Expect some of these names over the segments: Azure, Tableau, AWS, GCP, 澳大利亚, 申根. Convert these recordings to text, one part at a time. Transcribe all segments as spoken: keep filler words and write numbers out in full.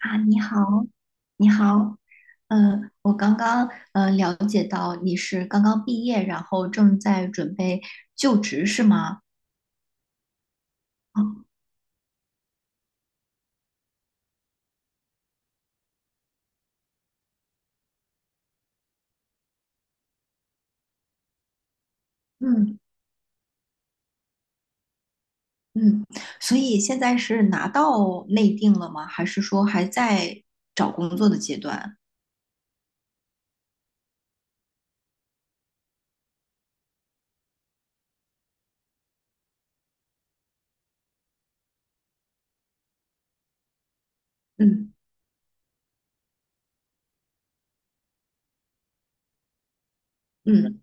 啊，你好，你好，嗯，我刚刚呃了解到你是刚刚毕业，然后正在准备就职是吗？哦，嗯嗯，所以现在是拿到内定了吗？还是说还在找工作的阶段？嗯嗯，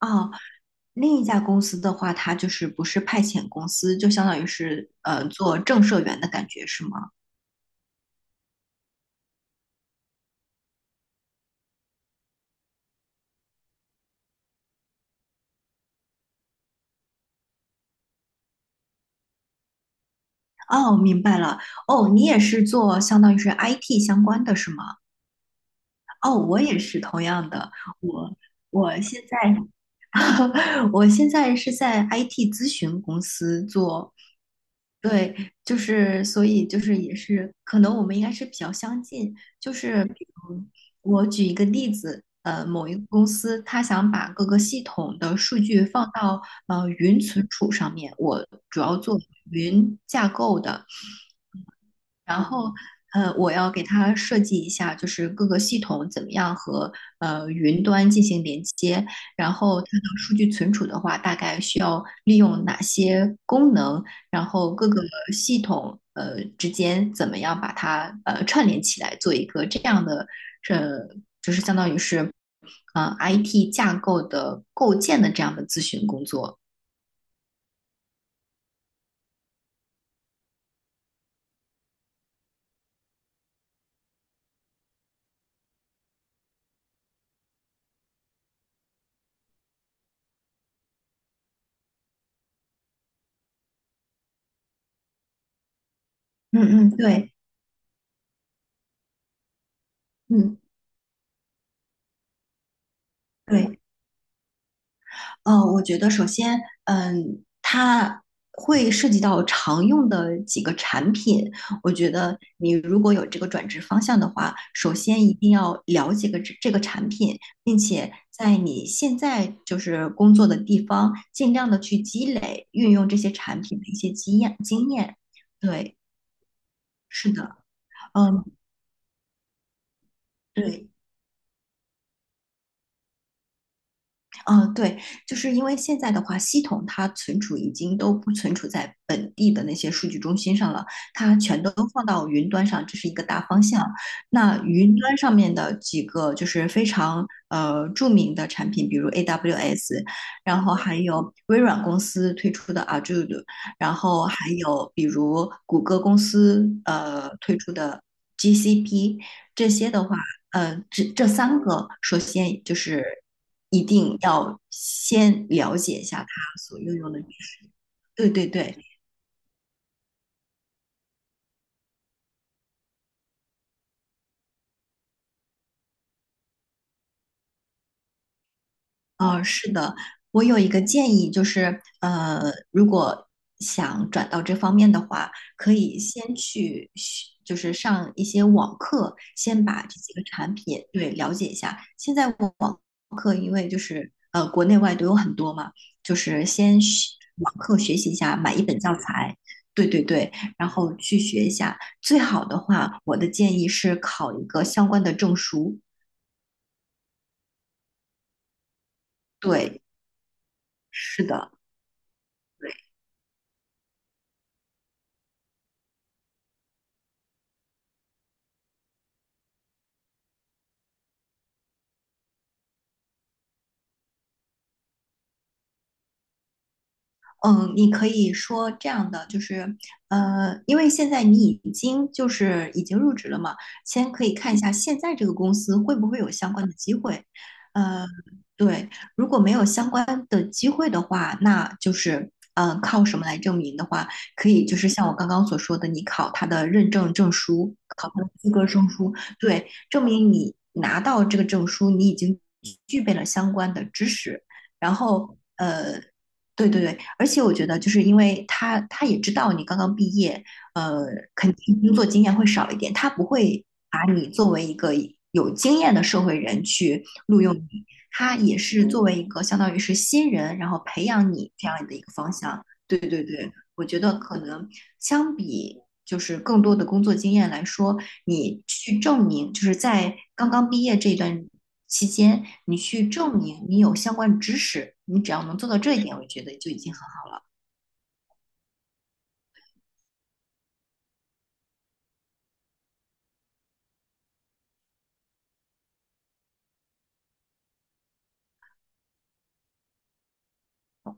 哦，另一家公司的话，它就是不是派遣公司，就相当于是呃做正社员的感觉是吗？哦，明白了。哦，你也是做相当于是 I T 相关的是吗？哦，我也是同样的。我我现在 我现在是在 I T 咨询公司做，对，就是所以就是也是可能我们应该是比较相近。就是比如我举一个例子，呃，某一个公司他想把各个系统的数据放到呃云存储上面，我主要做云架构的。然后呃，我要给它设计一下，就是各个系统怎么样和呃云端进行连接，然后它的数据存储的话，大概需要利用哪些功能，然后各个系统呃之间怎么样把它呃串联起来，做一个这样的呃，就是相当于是呃 I T 架构的构建的这样的咨询工作。嗯嗯，对，嗯对。嗯，我觉得首先，嗯，它会涉及到常用的几个产品。我觉得你如果有这个转职方向的话，首先一定要了解个这这个产品，并且在你现在就是工作的地方，尽量的去积累运用这些产品的一些经验经验。对，是的，嗯，对。嗯，对，就是因为现在的话，系统它存储已经都不存储在本地的那些数据中心上了，它全都放到云端上，这是一个大方向。那云端上面的几个就是非常呃著名的产品，比如 A W S，然后还有微软公司推出的 Azure，然后还有比如谷歌公司呃推出的 G C P，这些的话。呃，这这三个，首先就是一定要先了解一下它所运用的知识。对对对，呃，是的，我有一个建议，就是呃，如果想转到这方面的话，可以先去学，就是上一些网课，先把这几个产品对了解一下。现在网课因为就是呃国内外都有很多嘛，就是先学网课学习一下，买一本教材，对对对，然后去学一下。最好的话，我的建议是考一个相关的证书。对，是的。嗯，你可以说这样的，就是，呃，因为现在你已经就是已经入职了嘛，先可以看一下现在这个公司会不会有相关的机会，呃，对，如果没有相关的机会的话，那就是，嗯，靠什么来证明的话，可以就是像我刚刚所说的，你考他的认证证书，考他的资格证书，对，证明你拿到这个证书，你已经具备了相关的知识，然后。呃。对对对，而且我觉得，就是因为他他也知道你刚刚毕业，呃，肯定工作经验会少一点，他不会把你作为一个有经验的社会人去录用你，他也是作为一个相当于是新人，然后培养你这样的一个方向。对对对，我觉得可能相比就是更多的工作经验来说，你去证明，就是在刚刚毕业这一段期间，你去证明你有相关知识，你只要能做到这一点，我觉得就已经很。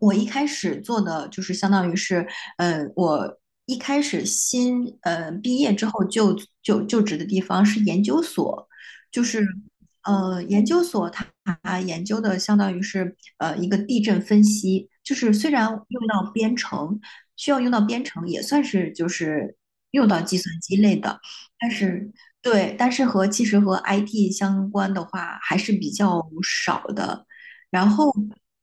我一开始做的就是相当于是，嗯、呃我一开始新呃毕业之后就就就职的地方是研究所，就是呃研究所它它研究的相当于是呃一个地震分析，就是虽然用到编程，需要用到编程，也算是就是用到计算机类的，但是对，但是和其实和 I T 相关的话还是比较少的。然后，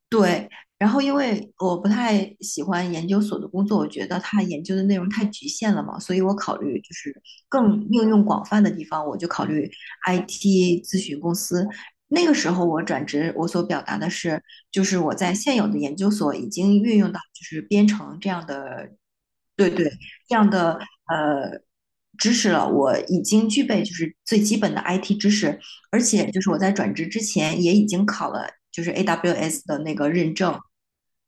对，然后，因为我不太喜欢研究所的工作，我觉得它研究的内容太局限了嘛，所以我考虑就是更应用广泛的地方，我就考虑 I T 咨询公司。那个时候我转职，我所表达的是，就是我在现有的研究所已经运用到就是编程这样的，对对，这样的呃知识了，我已经具备就是最基本的 I T 知识，而且就是我在转职之前也已经考了就是 A W S 的那个认证。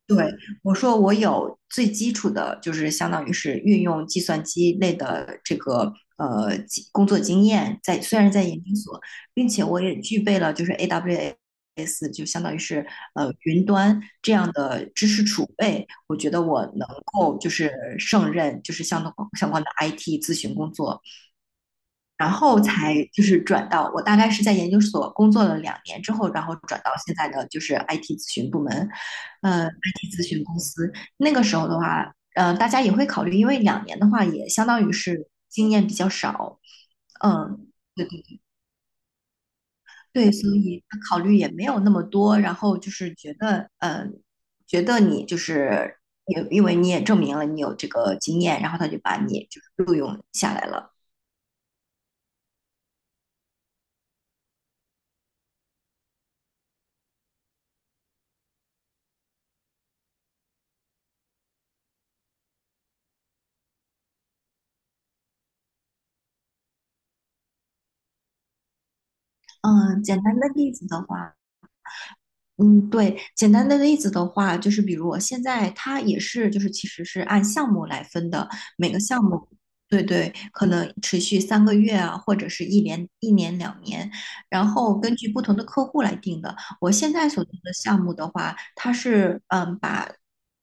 对，我说我有最基础的，就是相当于是运用计算机类的这个呃经工作经验在，虽然在研究所，并且我也具备了就是 A W S 就相当于是呃云端这样的知识储备，我觉得我能够就是胜任就是相同相关的 I T 咨询工作。然后才就是转到我大概是在研究所工作了两年之后，然后转到现在的就是 I T 咨询部门，呃，I T 咨询公司。那个时候的话，呃，大家也会考虑，因为两年的话也相当于是经验比较少，嗯，对，所以他考虑也没有那么多，然后就是觉得，呃，觉得你就是也因为你也证明了你有这个经验，然后他就把你就是录用下来了。嗯，简单的例子的话。嗯，对，简单的例子的话，就是比如我现在它也是，就是其实是按项目来分的，每个项目，对对，可能持续三个月啊，或者是一年、一年、两年，然后根据不同的客户来定的。我现在所做的项目的话，它是嗯，把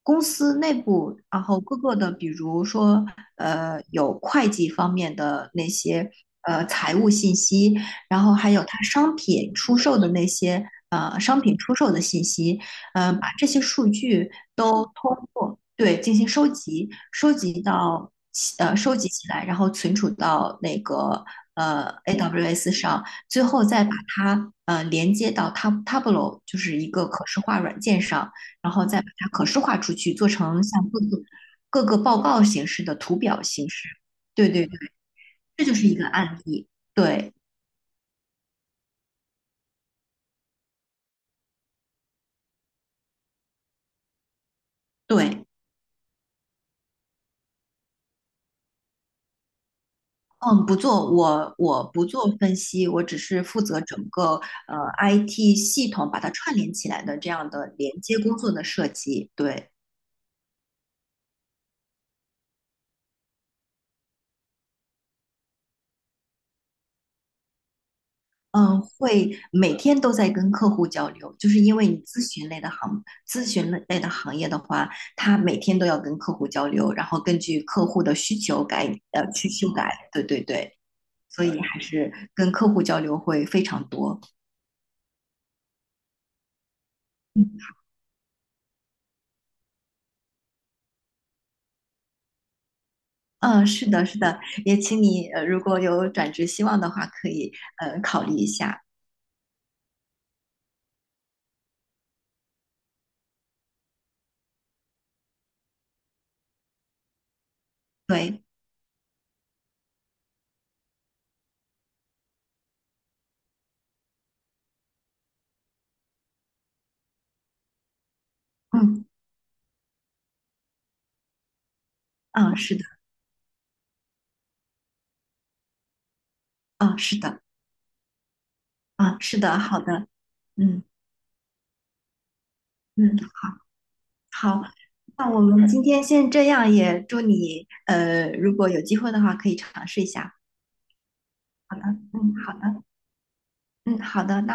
公司内部，然后各个的，比如说呃，有会计方面的那些呃财务信息。然后还有它商品出售的那些呃商品出售的信息，嗯、把这些数据都通过对进行收集，收集到呃收集起来，然后存储到那个呃 A W S 上，最后再把它呃连接到 Tab Tableau，就是一个可视化软件上，然后再把它可视化出去，做成像各个各个报告形式的图表形式。对对对，这就是一个案例。对对。嗯，不做，我我不做分析，我只是负责整个呃 I T 系统把它串联起来的这样的连接工作的设计。对，嗯，会每天都在跟客户交流，就是因为你咨询类的行咨询类的行业的话，它每天都要跟客户交流，然后根据客户的需求改呃去修改。对对对，所以还是跟客户交流会非常多。嗯嗯，是的，是的，也请你呃，如果有转职希望的话，可以呃考虑一下。对，嗯，嗯，是的，嗯，是的，嗯，是的，好的，嗯嗯，好，好，那我们今天先这样，也祝你呃，如果有机会的话，可以尝试一下。好的，嗯，好的，嗯，好的，那。